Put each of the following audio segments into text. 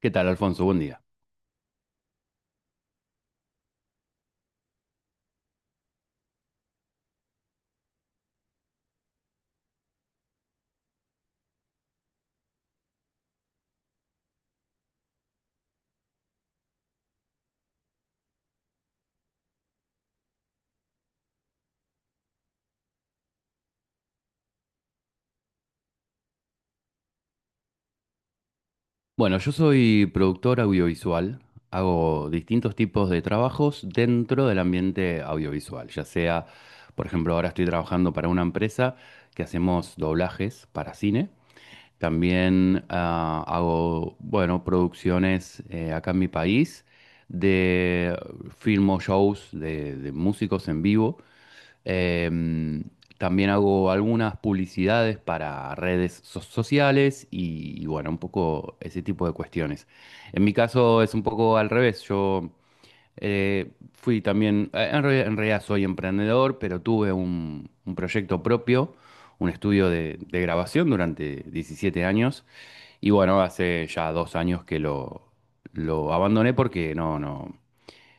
¿Qué tal, Alfonso? Buen día. Bueno, yo soy productor audiovisual, hago distintos tipos de trabajos dentro del ambiente audiovisual, ya sea, por ejemplo, ahora estoy trabajando para una empresa que hacemos doblajes para cine. También hago, bueno, producciones acá en mi país de filmo shows de músicos en vivo. Em, También hago algunas publicidades para redes sociales y, bueno, un poco ese tipo de cuestiones. En mi caso es un poco al revés. Yo fui también, en realidad soy emprendedor, pero tuve un proyecto propio, un estudio de grabación durante 17 años. Y bueno, hace ya 2 años que lo abandoné porque no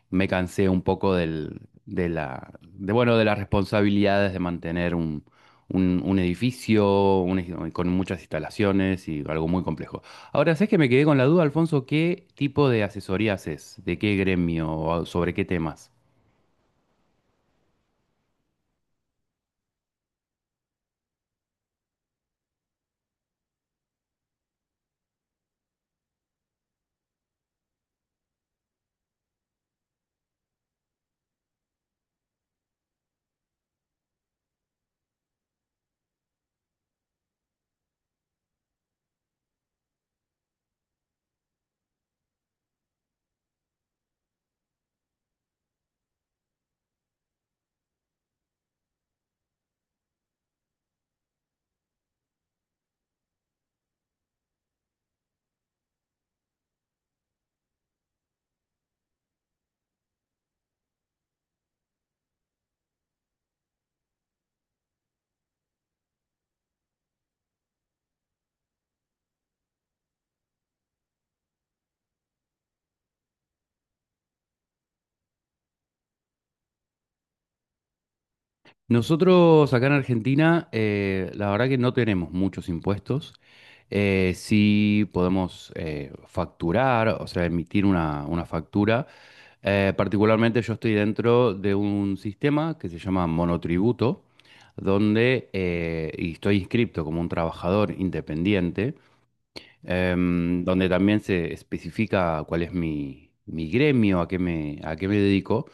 me cansé un poco del, de la, de, bueno, de las responsabilidades de mantener un edificio con muchas instalaciones y algo muy complejo. Ahora, ¿sabes que me quedé con la duda, Alfonso? ¿Qué tipo de asesoría haces? ¿De qué gremio? ¿O ¿Sobre qué temas? Nosotros acá en Argentina, la verdad que no tenemos muchos impuestos. Sí podemos facturar, o sea, emitir una factura. Particularmente yo estoy dentro de un sistema que se llama monotributo, donde y estoy inscripto como un trabajador independiente, donde también se especifica cuál es mi gremio, a qué me dedico,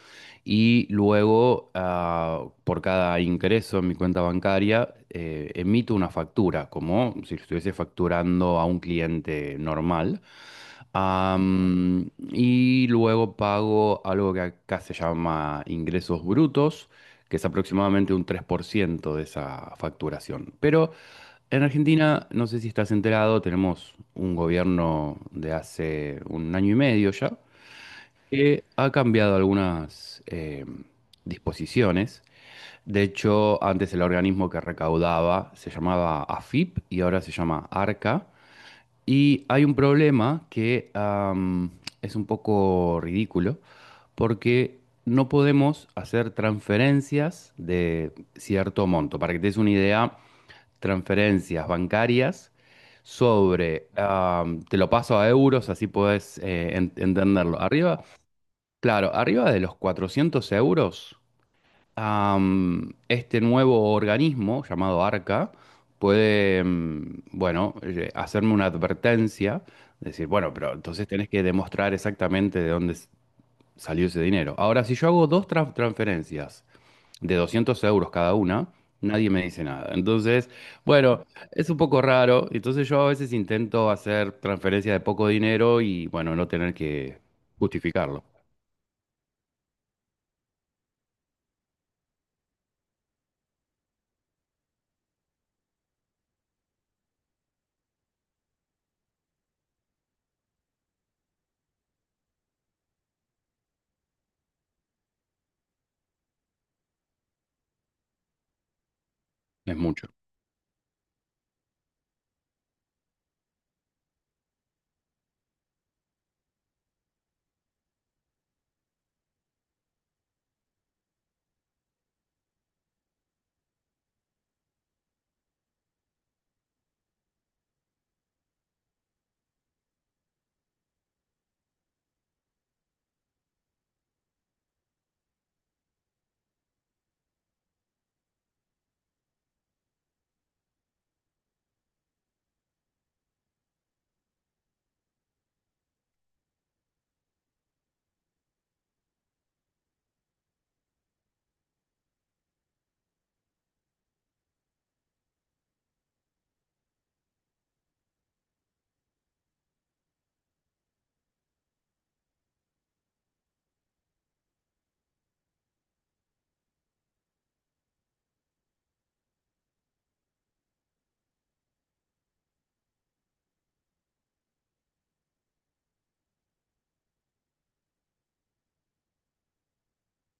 y luego por cada ingreso en mi cuenta bancaria emito una factura, como si estuviese facturando a un cliente normal. Y luego pago algo que acá se llama ingresos brutos, que es aproximadamente un 3% de esa facturación. Pero en Argentina, no sé si estás enterado, tenemos un gobierno de hace un año y medio ya, que ha cambiado algunas disposiciones. De hecho, antes el organismo que recaudaba se llamaba AFIP y ahora se llama ARCA. Y hay un problema que es un poco ridículo, porque no podemos hacer transferencias de cierto monto. Para que te des una idea, transferencias bancarias te lo paso a euros, así podés entenderlo. Arriba, claro, arriba de los 400 euros. Este nuevo organismo llamado Arca puede, bueno, hacerme una advertencia, decir, bueno, pero entonces tenés que demostrar exactamente de dónde salió ese dinero. Ahora, si yo hago dos transferencias de 200 euros cada una, nadie me dice nada. Entonces, bueno, es un poco raro. Entonces yo a veces intento hacer transferencias de poco dinero y, bueno, no tener que justificarlo. Es mucho.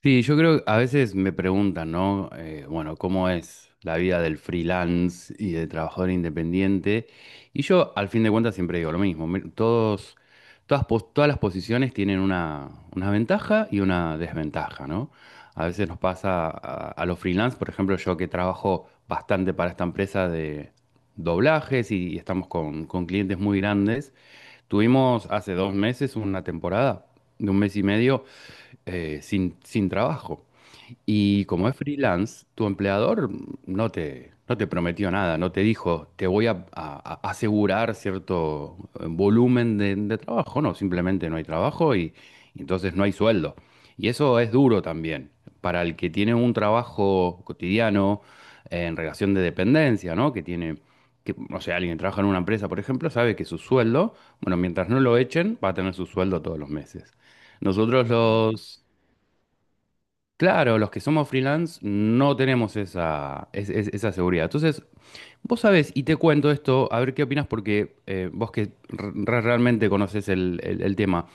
Sí, yo creo que a veces me preguntan, ¿no? Bueno, ¿cómo es la vida del freelance y del trabajador independiente? Y yo, al fin de cuentas, siempre digo lo mismo. Todas las posiciones tienen una ventaja y una desventaja, ¿no? A veces nos pasa a los freelance, por ejemplo, yo que trabajo bastante para esta empresa de doblajes y estamos con clientes muy grandes. Tuvimos hace 2 meses una temporada de un mes y medio sin trabajo. Y como es freelance, tu empleador no te prometió nada, no te dijo, te voy a asegurar cierto volumen de trabajo, no, simplemente no hay trabajo y entonces no hay sueldo. Y eso es duro también para el que tiene un trabajo cotidiano en relación de dependencia, ¿no? Que tiene, que, o sea, alguien que trabaja en una empresa, por ejemplo, sabe que su sueldo, bueno, mientras no lo echen, va a tener su sueldo todos los meses. Nosotros, claro, claro, los que somos freelance no tenemos esa, esa seguridad. Entonces, vos sabés, y te cuento esto, a ver qué opinas, porque vos que realmente conoces el tema.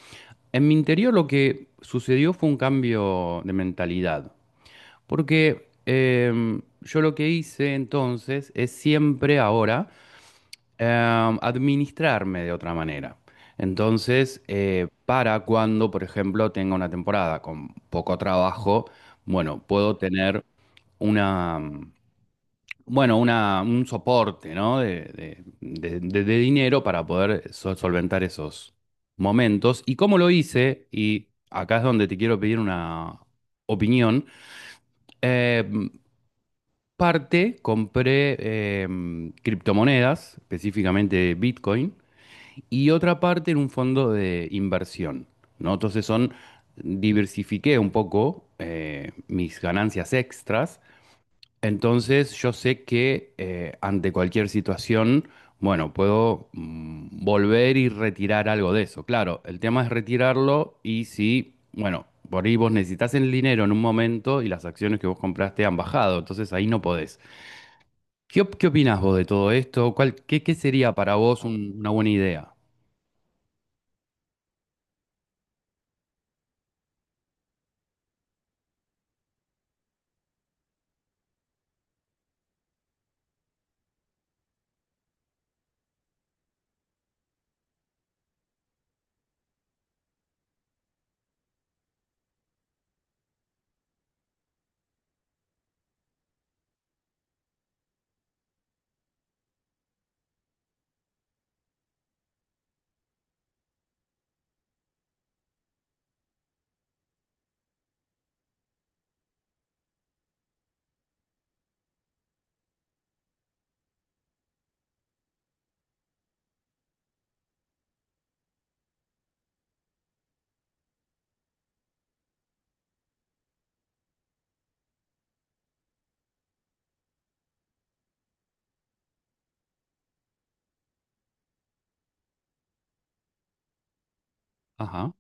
En mi interior lo que sucedió fue un cambio de mentalidad, porque yo lo que hice entonces es siempre ahora administrarme de otra manera. Entonces, para cuando, por ejemplo, tenga una temporada con poco trabajo, bueno, puedo tener una, mm, bueno, una, un soporte, ¿no? De dinero para poder solventar esos momentos. ¿Y cómo lo hice? Y acá es donde te quiero pedir una opinión. Em, Parte compré criptomonedas, específicamente Bitcoin y otra parte en un fondo de inversión, ¿no? Diversifiqué un poco mis ganancias extras, entonces yo sé que ante cualquier situación, bueno, puedo volver y retirar algo de eso. Claro, el tema es retirarlo y si, bueno, por ahí vos necesitas el dinero en un momento y las acciones que vos compraste han bajado, entonces ahí no podés. ¿Qué opinás vos de todo esto? ¿Qué sería para vos una buena idea? Ajá.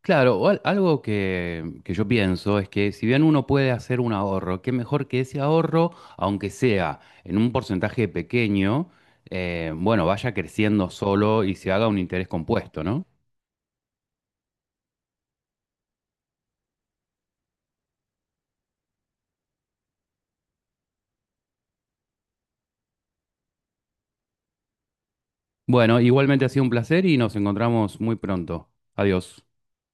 Claro, algo que yo pienso es que si bien uno puede hacer un ahorro, qué mejor que ese ahorro, aunque sea en un porcentaje pequeño, bueno, vaya creciendo solo y se haga un interés compuesto, ¿no? Bueno, igualmente ha sido un placer y nos encontramos muy pronto. Adiós.